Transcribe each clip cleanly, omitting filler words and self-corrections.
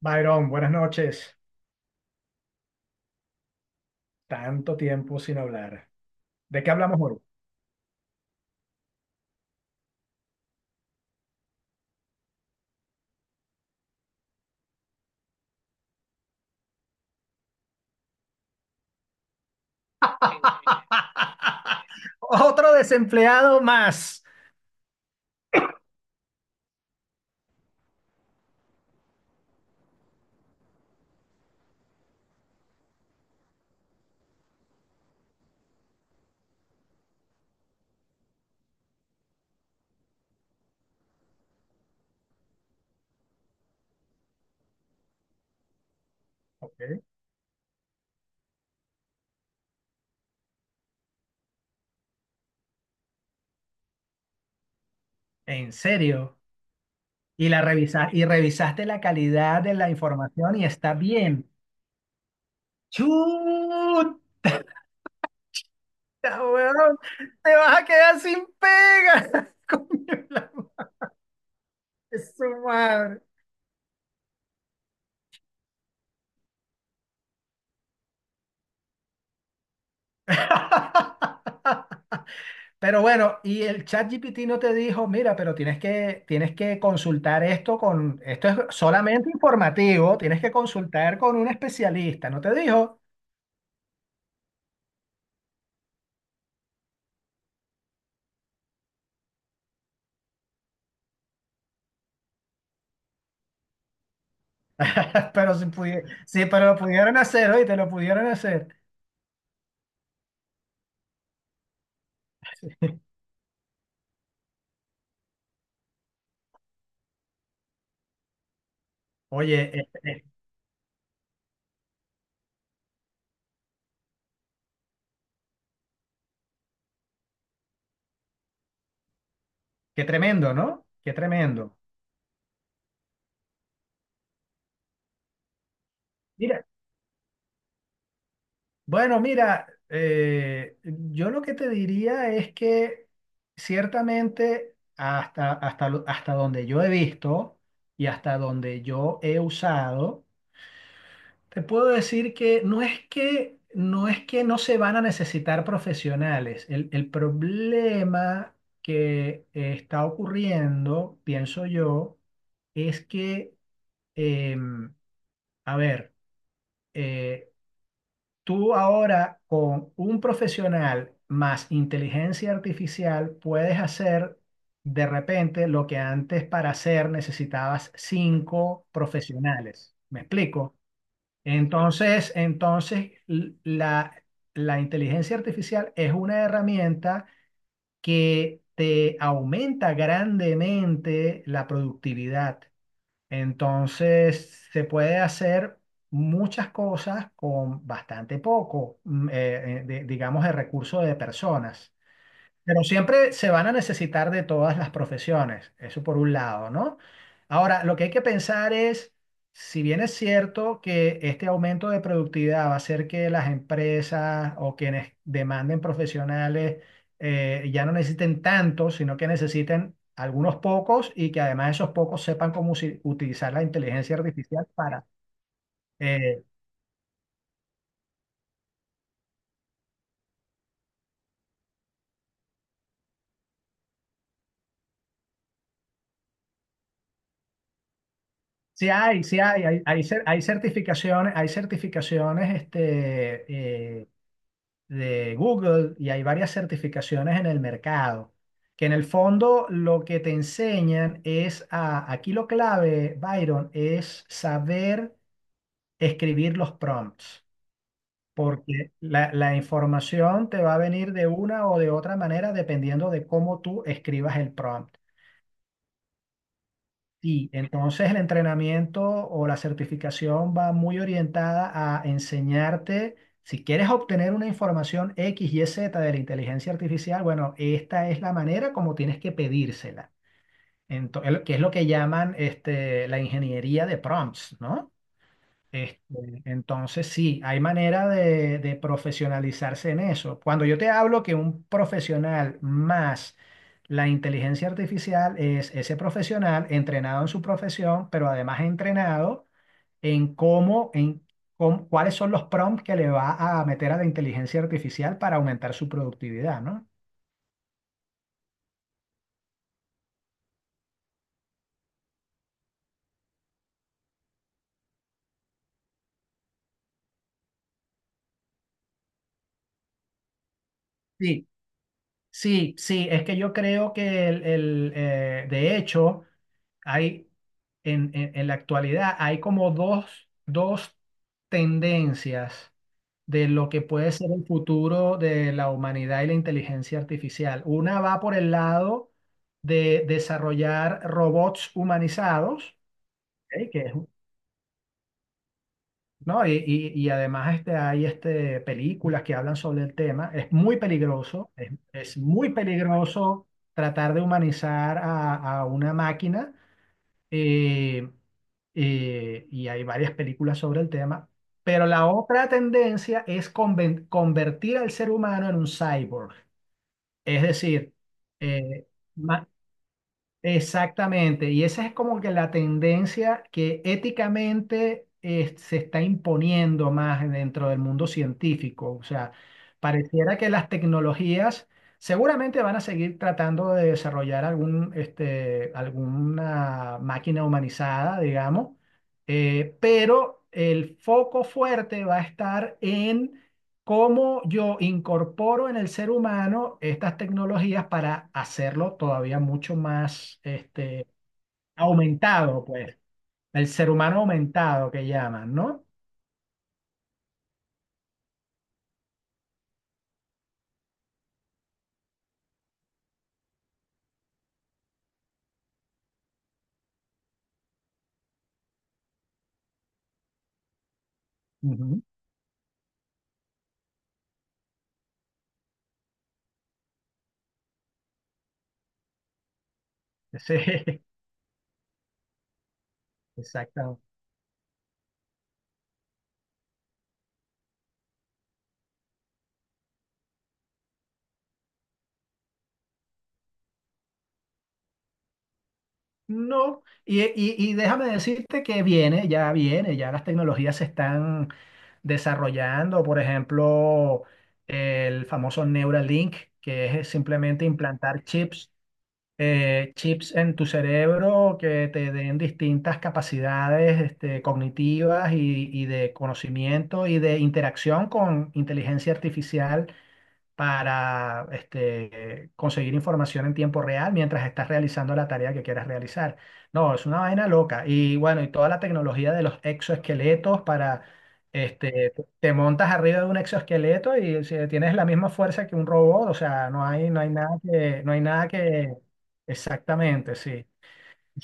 Byron, buenas noches. Tanto tiempo sin hablar. ¿De qué hablamos hoy? Otro desempleado más. Ok. ¿En serio? Y la revisa y revisaste la calidad de la información y está bien. Chuta, weón. Te vas a quedar sin pega. Coño, la madre, su madre. Pero bueno, y el chat GPT no te dijo, mira, pero tienes que consultar esto con, esto es solamente informativo, tienes que consultar con un especialista, no te dijo, pero si pudi- sí, pero lo pudieron hacer, hoy te lo pudieron hacer. Oye, qué tremendo, ¿no? Qué tremendo. Mira, bueno, mira, yo lo que te diría es que ciertamente hasta donde yo he visto y hasta donde yo he usado. Te puedo decir que no es que no se van a necesitar profesionales. El problema que está ocurriendo, pienso yo, es que, em, a ver, eh, tú ahora con un profesional más inteligencia artificial puedes hacer de repente lo que antes para hacer necesitabas cinco profesionales. ¿Me explico? Entonces, la inteligencia artificial es una herramienta que te aumenta grandemente la productividad. Entonces, se puede hacer muchas cosas con bastante poco, digamos, de recurso de personas. Pero siempre se van a necesitar de todas las profesiones, eso por un lado, ¿no? Ahora, lo que hay que pensar es, si bien es cierto que este aumento de productividad va a hacer que las empresas o quienes demanden profesionales ya no necesiten tantos, sino que necesiten algunos pocos y que además esos pocos sepan cómo utilizar la inteligencia artificial para… eh, sí hay, hay certificaciones este, de Google, y hay varias certificaciones en el mercado, que en el fondo lo que te enseñan es a, aquí lo clave, Byron, es saber escribir los prompts, porque la información te va a venir de una o de otra manera dependiendo de cómo tú escribas el prompt. Y entonces el entrenamiento o la certificación va muy orientada a enseñarte, si quieres obtener una información X y Z de la inteligencia artificial, bueno, esta es la manera como tienes que pedírsela. Que es lo que llaman este, la ingeniería de prompts, ¿no? Este, entonces, sí, hay manera de profesionalizarse en eso. Cuando yo te hablo que un profesional más la inteligencia artificial es ese profesional entrenado en su profesión, pero además entrenado en cómo, en cuáles son los prompts que le va a meter a la inteligencia artificial para aumentar su productividad, ¿no? Sí, sí, sí, es que yo creo que de hecho… Hay, en la actualidad hay como dos, dos tendencias de lo que puede ser el futuro de la humanidad y la inteligencia artificial. Una va por el lado de desarrollar robots humanizados, ¿ok? ¿No? Y, y además este, hay este, películas que hablan sobre el tema. Es muy peligroso tratar de humanizar a una máquina eh, y hay varias películas sobre el tema, pero la otra tendencia es convertir al ser humano en un cyborg, es decir, eh, ma- Exactamente, y esa es como que la tendencia que éticamente se está imponiendo más dentro del mundo científico. O sea, pareciera que las tecnologías seguramente van a seguir tratando de desarrollar algún, este, alguna máquina humanizada, digamos, pero el foco fuerte va a estar en cómo yo incorporo en el ser humano estas tecnologías para hacerlo todavía mucho más este, aumentado, pues, el ser humano aumentado que llaman, ¿no? Ujú. Sí, exacto. No, y, y déjame decirte que viene, ya las tecnologías se están desarrollando, por ejemplo, el famoso Neuralink, que es simplemente implantar chips chips en tu cerebro que te den distintas capacidades este, cognitivas y de conocimiento y de interacción con inteligencia artificial para este, conseguir información en tiempo real mientras estás realizando la tarea que quieras realizar. No, es una vaina loca. Y bueno, y toda la tecnología de los exoesqueletos para, este, te montas arriba de un exoesqueleto y si tienes la misma fuerza que un robot, o sea, no hay, no hay nada que, exactamente, sí. O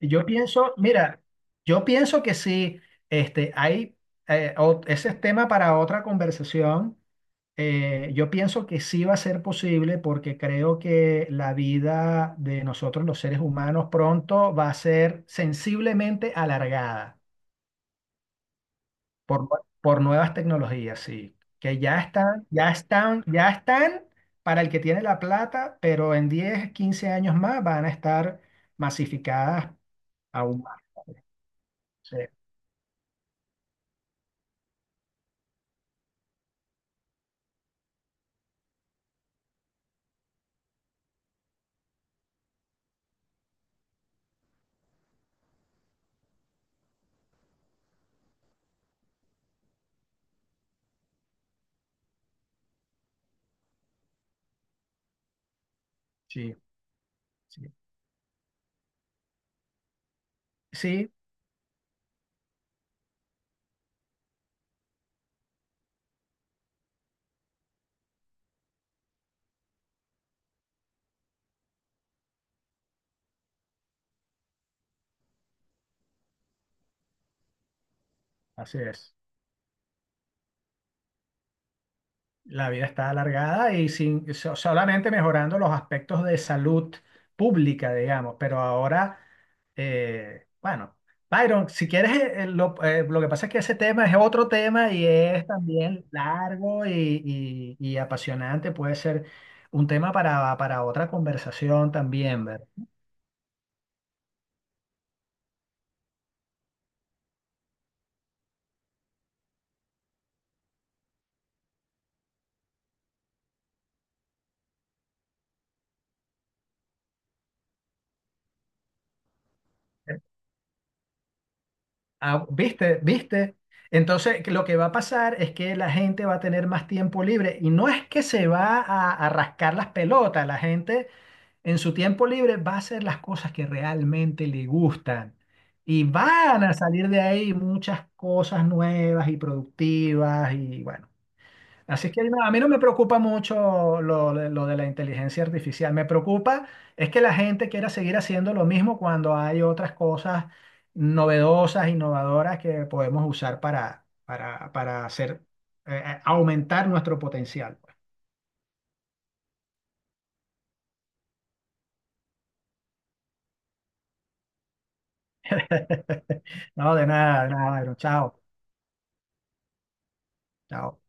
yo pienso, mira, yo pienso que sí, este, hay, ese es tema para otra conversación. Yo pienso que sí va a ser posible porque creo que la vida de nosotros los seres humanos pronto va a ser sensiblemente alargada por, por nuevas tecnologías, sí, que ya están para el que tiene la plata, pero en 10 15 años más van a estar masificadas aún más. Sí, sí, sí, Sí, así es. La vida está alargada y sin, so- solamente mejorando los aspectos de salud pública, digamos, pero ahora, bueno, Byron, si quieres, lo que pasa es que ese tema es otro tema y es también largo y, y apasionante, puede ser un tema para otra conversación también, ¿verdad? Ah, ¿viste? ¿Viste? Entonces, que lo que va a pasar es que la gente va a tener más tiempo libre y no es que se va a rascar las pelotas, la gente en su tiempo libre va a hacer las cosas que realmente le gustan. Y van a salir de ahí muchas cosas nuevas y productivas y bueno. Así que no, a mí no me preocupa mucho lo de la inteligencia artificial. Me preocupa es que la gente quiera seguir haciendo lo mismo cuando hay otras cosas novedosas, innovadoras que podemos usar para hacer, aumentar nuestro potencial. No, de nada, Byron. Chao, chao.